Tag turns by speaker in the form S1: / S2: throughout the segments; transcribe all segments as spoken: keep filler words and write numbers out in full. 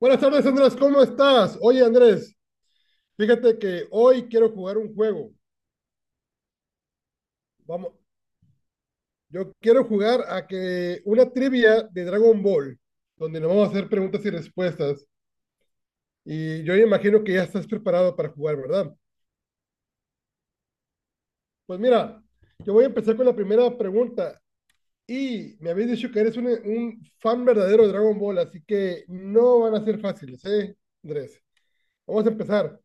S1: Buenas tardes, Andrés, ¿cómo estás? Oye, Andrés, fíjate que hoy quiero jugar un juego. Vamos, yo quiero jugar a que una trivia de Dragon Ball, donde nos vamos a hacer preguntas y respuestas. Y yo imagino que ya estás preparado para jugar, ¿verdad? Pues mira, yo voy a empezar con la primera pregunta. Y me habéis dicho que eres un, un fan verdadero de Dragon Ball, así que no van a ser fáciles, ¿eh, Andrés? Vamos a empezar.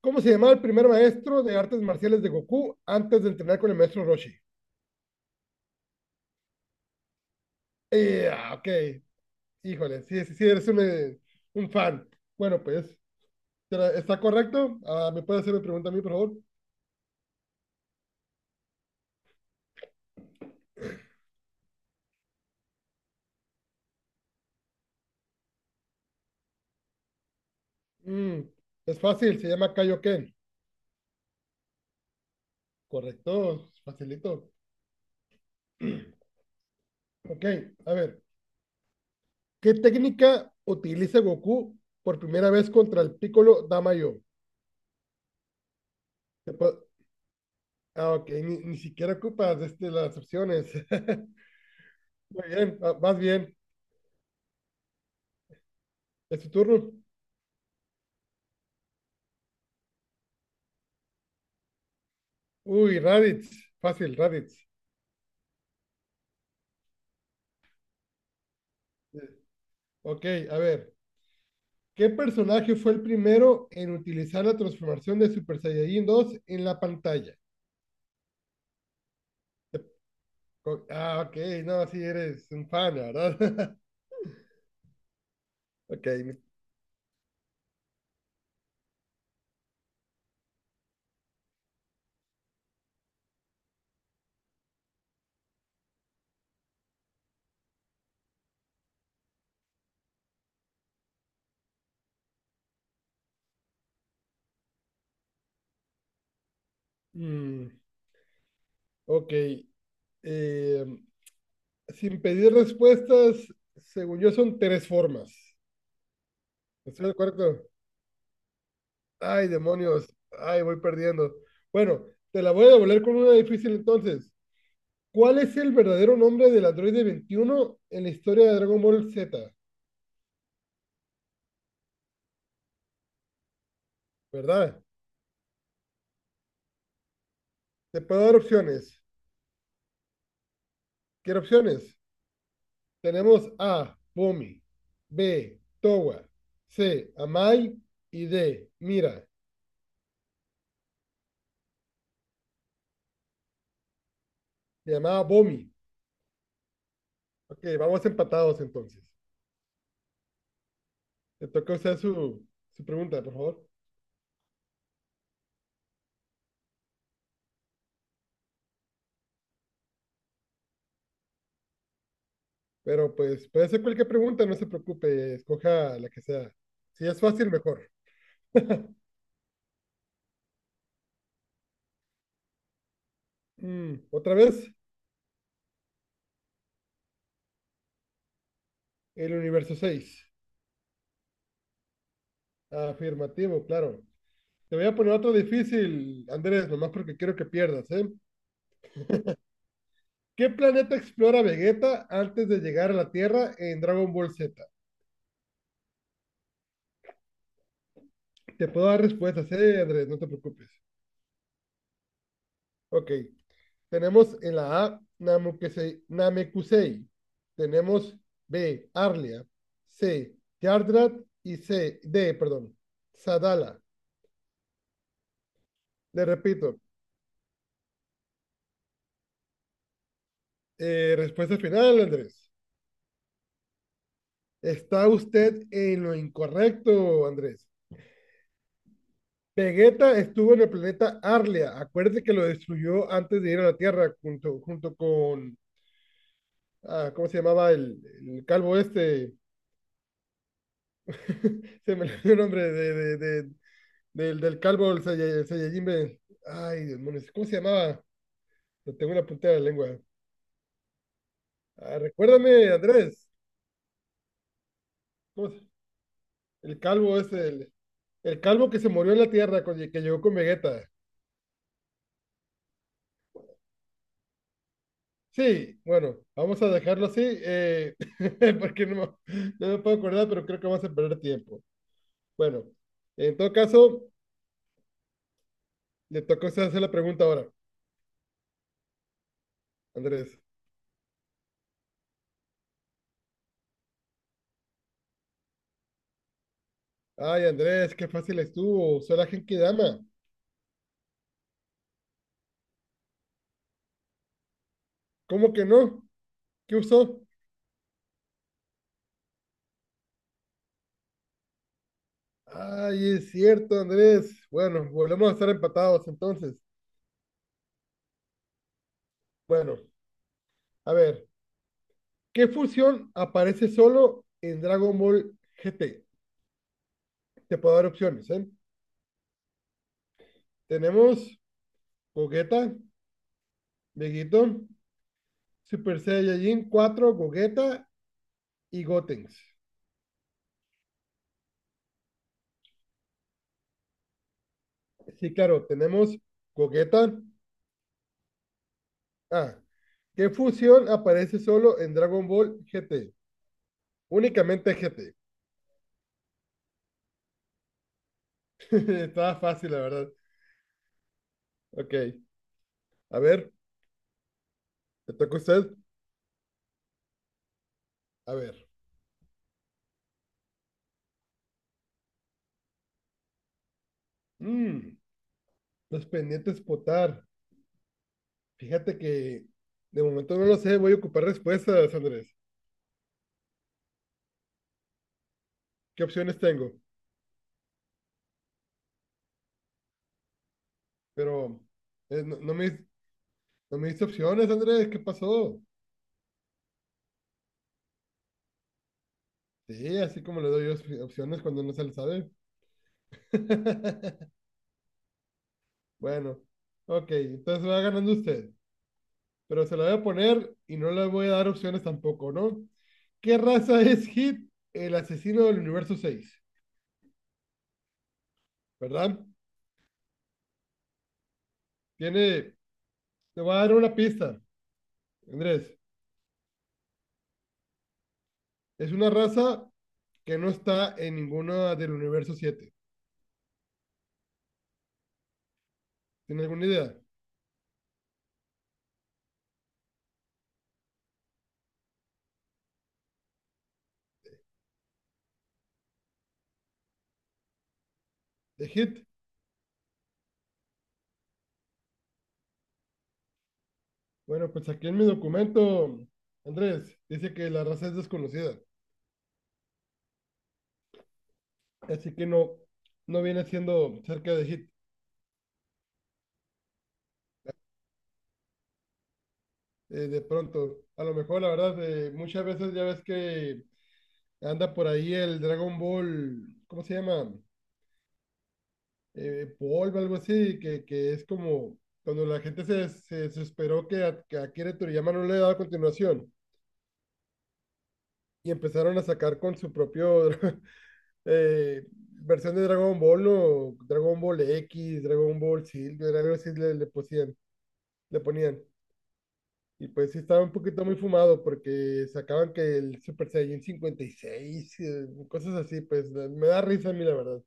S1: ¿Cómo se llamaba el primer maestro de artes marciales de Goku antes de entrenar con el maestro Roshi? Eh, ah, ok. Híjole, sí, sí, sí, eres un, eh, un fan. Bueno, pues, ¿será- ¿está correcto? Ah, ¿me puede hacer una pregunta a mí, por favor? Mm, es fácil, se llama Kaioken. Correcto, facilito. Ok, a ver. ¿Qué técnica utiliza Goku por primera vez contra el Piccolo Damayo? Te puedo- Ah, ok, ni, ni siquiera ocupas este, las opciones. Muy bien, va- vas bien. Es tu turno. Uy, Raditz. Fácil, Raditz. Ok, a ver. ¿Qué personaje fue el primero en utilizar la transformación de Super Saiyajin dos en la pantalla? Co- Ah, ok, no, sí eres un fan, ¿verdad? Ok, mm, ok. eh, Sin pedir respuestas, según yo son tres formas. ¿Estoy de acuerdo? Ay, demonios, ay, voy perdiendo. Bueno, te la voy a devolver con una difícil entonces. ¿Cuál es el verdadero nombre del androide veintiuno en la historia de Dragon Ball Z? ¿Verdad? Te puedo dar opciones. ¿Qué opciones? Tenemos A, Bomi, B, Towa, C, Amai y D, Mira. Se llamaba Bomi. Ok, vamos empatados entonces. Le toca usar su, su pregunta, por favor. Pero pues puede ser cualquier pregunta, no se preocupe, escoja la que sea. Si es fácil, mejor. Mm, Otra vez, el universo seis. Afirmativo, claro. Te voy a poner otro difícil, Andrés, nomás porque quiero que pierdas, ¿eh? ¿Qué planeta explora Vegeta antes de llegar a la Tierra en Dragon Ball Z? Te puedo dar respuestas, eh, Andrés, no te preocupes. Ok, tenemos en la A Namekusei, Namekusei. Tenemos B, Arlia, C, Yardrat y C, D, perdón, Sadala. Le repito, eh, respuesta final, Andrés. Está usted en lo incorrecto, Andrés. Vegeta estuvo en el planeta Arlia. Acuérdate que lo destruyó antes de ir a la Tierra junto, junto con... Ah, ¿cómo se llamaba el, el calvo este? Se me olvidó el nombre de, de- de- del, del calvo, el Saiya- el Saiyajin. de- Ay, demonios, ¿cómo se llamaba? Lo tengo una punta de la lengua. Ah, recuérdame, Andrés. ¿Cómo se- El calvo este, el, el calvo que se murió en la Tierra, con- que llegó con Vegeta. Sí, bueno, vamos a dejarlo así, eh, porque no, me no me puedo acordar, pero creo que vamos a perder tiempo. Bueno, en todo caso, le tocó a usted hacer la pregunta ahora, Andrés. Ay, Andrés, qué fácil estuvo, usó la Genkidama. ¿Cómo que no? ¿Qué usó? Ay, es cierto, Andrés. Bueno, volvemos a estar empatados entonces. Bueno, a ver, ¿qué fusión aparece solo en Dragon Ball G T? Te puedo dar opciones, ¿eh? Tenemos Gogeta, Vegito, Super Saiyajin cuatro Gogeta y Gotenks. Sí, claro, tenemos Gogeta. Ah, ¿qué fusión aparece solo en Dragon Ball G T? Únicamente G T. Estaba fácil, la verdad. Ok, a ver, ¿te toca a usted? A ver. Mm, los pendientes potar. Fíjate que de momento no lo sé, voy a ocupar respuestas, Andrés. ¿Qué opciones tengo? Pero eh, no, no me, no me diste opciones, Andrés, ¿qué pasó? Sí, así como le doy op- opciones cuando no se le sabe. Bueno, ok, entonces va ganando usted, pero se la voy a poner y no le voy a dar opciones tampoco, ¿no? ¿Qué raza es Hit, el asesino del universo Seis, ¿verdad? Tiene, te voy a dar una pista, Andrés. Es una raza que no está en ninguna del universo Siete. ¿Tiene alguna idea de Hit? Bueno, pues aquí en mi documento, Andrés, dice que la raza es desconocida. Así que no, no viene siendo cerca de hit. Eh, de pronto. A lo mejor, la verdad, eh, muchas veces ya ves que anda por ahí el Dragon Ball, ¿cómo se llama? Eh, polvo, algo así, que, que es como cuando la gente se, se desesperó que a, que a Akira Toriyama no le daba continuación y empezaron a sacar con su propio eh, versión de Dragon Ball, ¿no? Dragon Ball X, Dragon Ball Silver, algo así le, le pusían- le ponían. Y pues sí estaba un poquito muy fumado porque sacaban que el Super Saiyan cincuenta y seis, eh, cosas así, pues la- me da risa a mí, la verdad.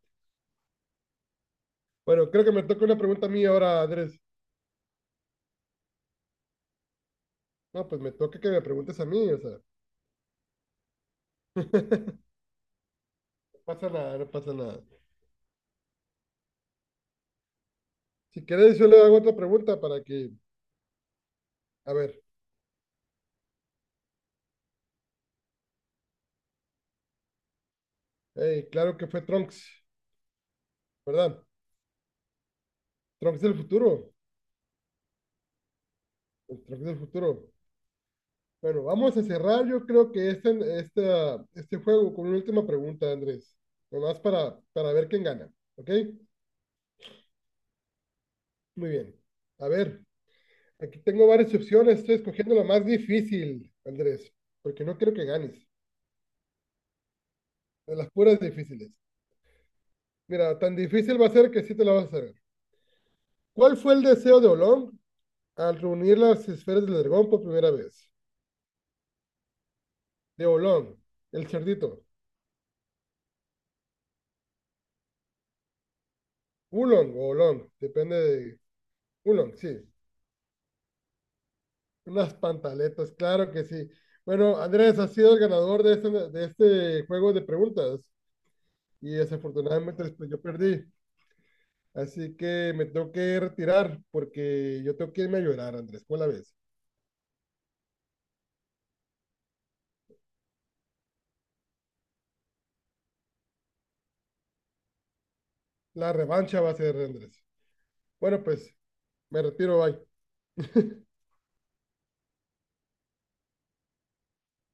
S1: Bueno, creo que me toca una pregunta a mí ahora, Andrés. No, pues me toca que me preguntes a mí, o sea, no pasa nada, no pasa nada. Si quieres, yo le hago otra pregunta para que, a ver, eh, claro que fue Trunks, ¿verdad? Trunks del futuro, el Trunks del futuro. Bueno, vamos a cerrar yo creo que este, esta- este juego con una última pregunta, Andrés. Nomás para, para ver quién gana. ¿Ok? Muy bien. A ver, aquí tengo varias opciones. Estoy escogiendo la más difícil, Andrés, porque no quiero que ganes. De las puras difíciles. Mira, tan difícil va a ser que sí te la vas a saber. ¿Cuál fue el deseo de Olón al reunir las esferas del dragón por primera vez? De Olón, el cerdito. Ulong o Olong, depende de... Ulong, sí. Unas pantaletas, claro que sí. Bueno, Andrés, has sido el ganador de este, de este juego de preguntas y desafortunadamente pues yo perdí. Así que me tengo que retirar porque yo tengo que irme a llorar, Andrés. ¿Cuál la ves? La revancha va a ser, Andrés. Bueno, pues me retiro, bye.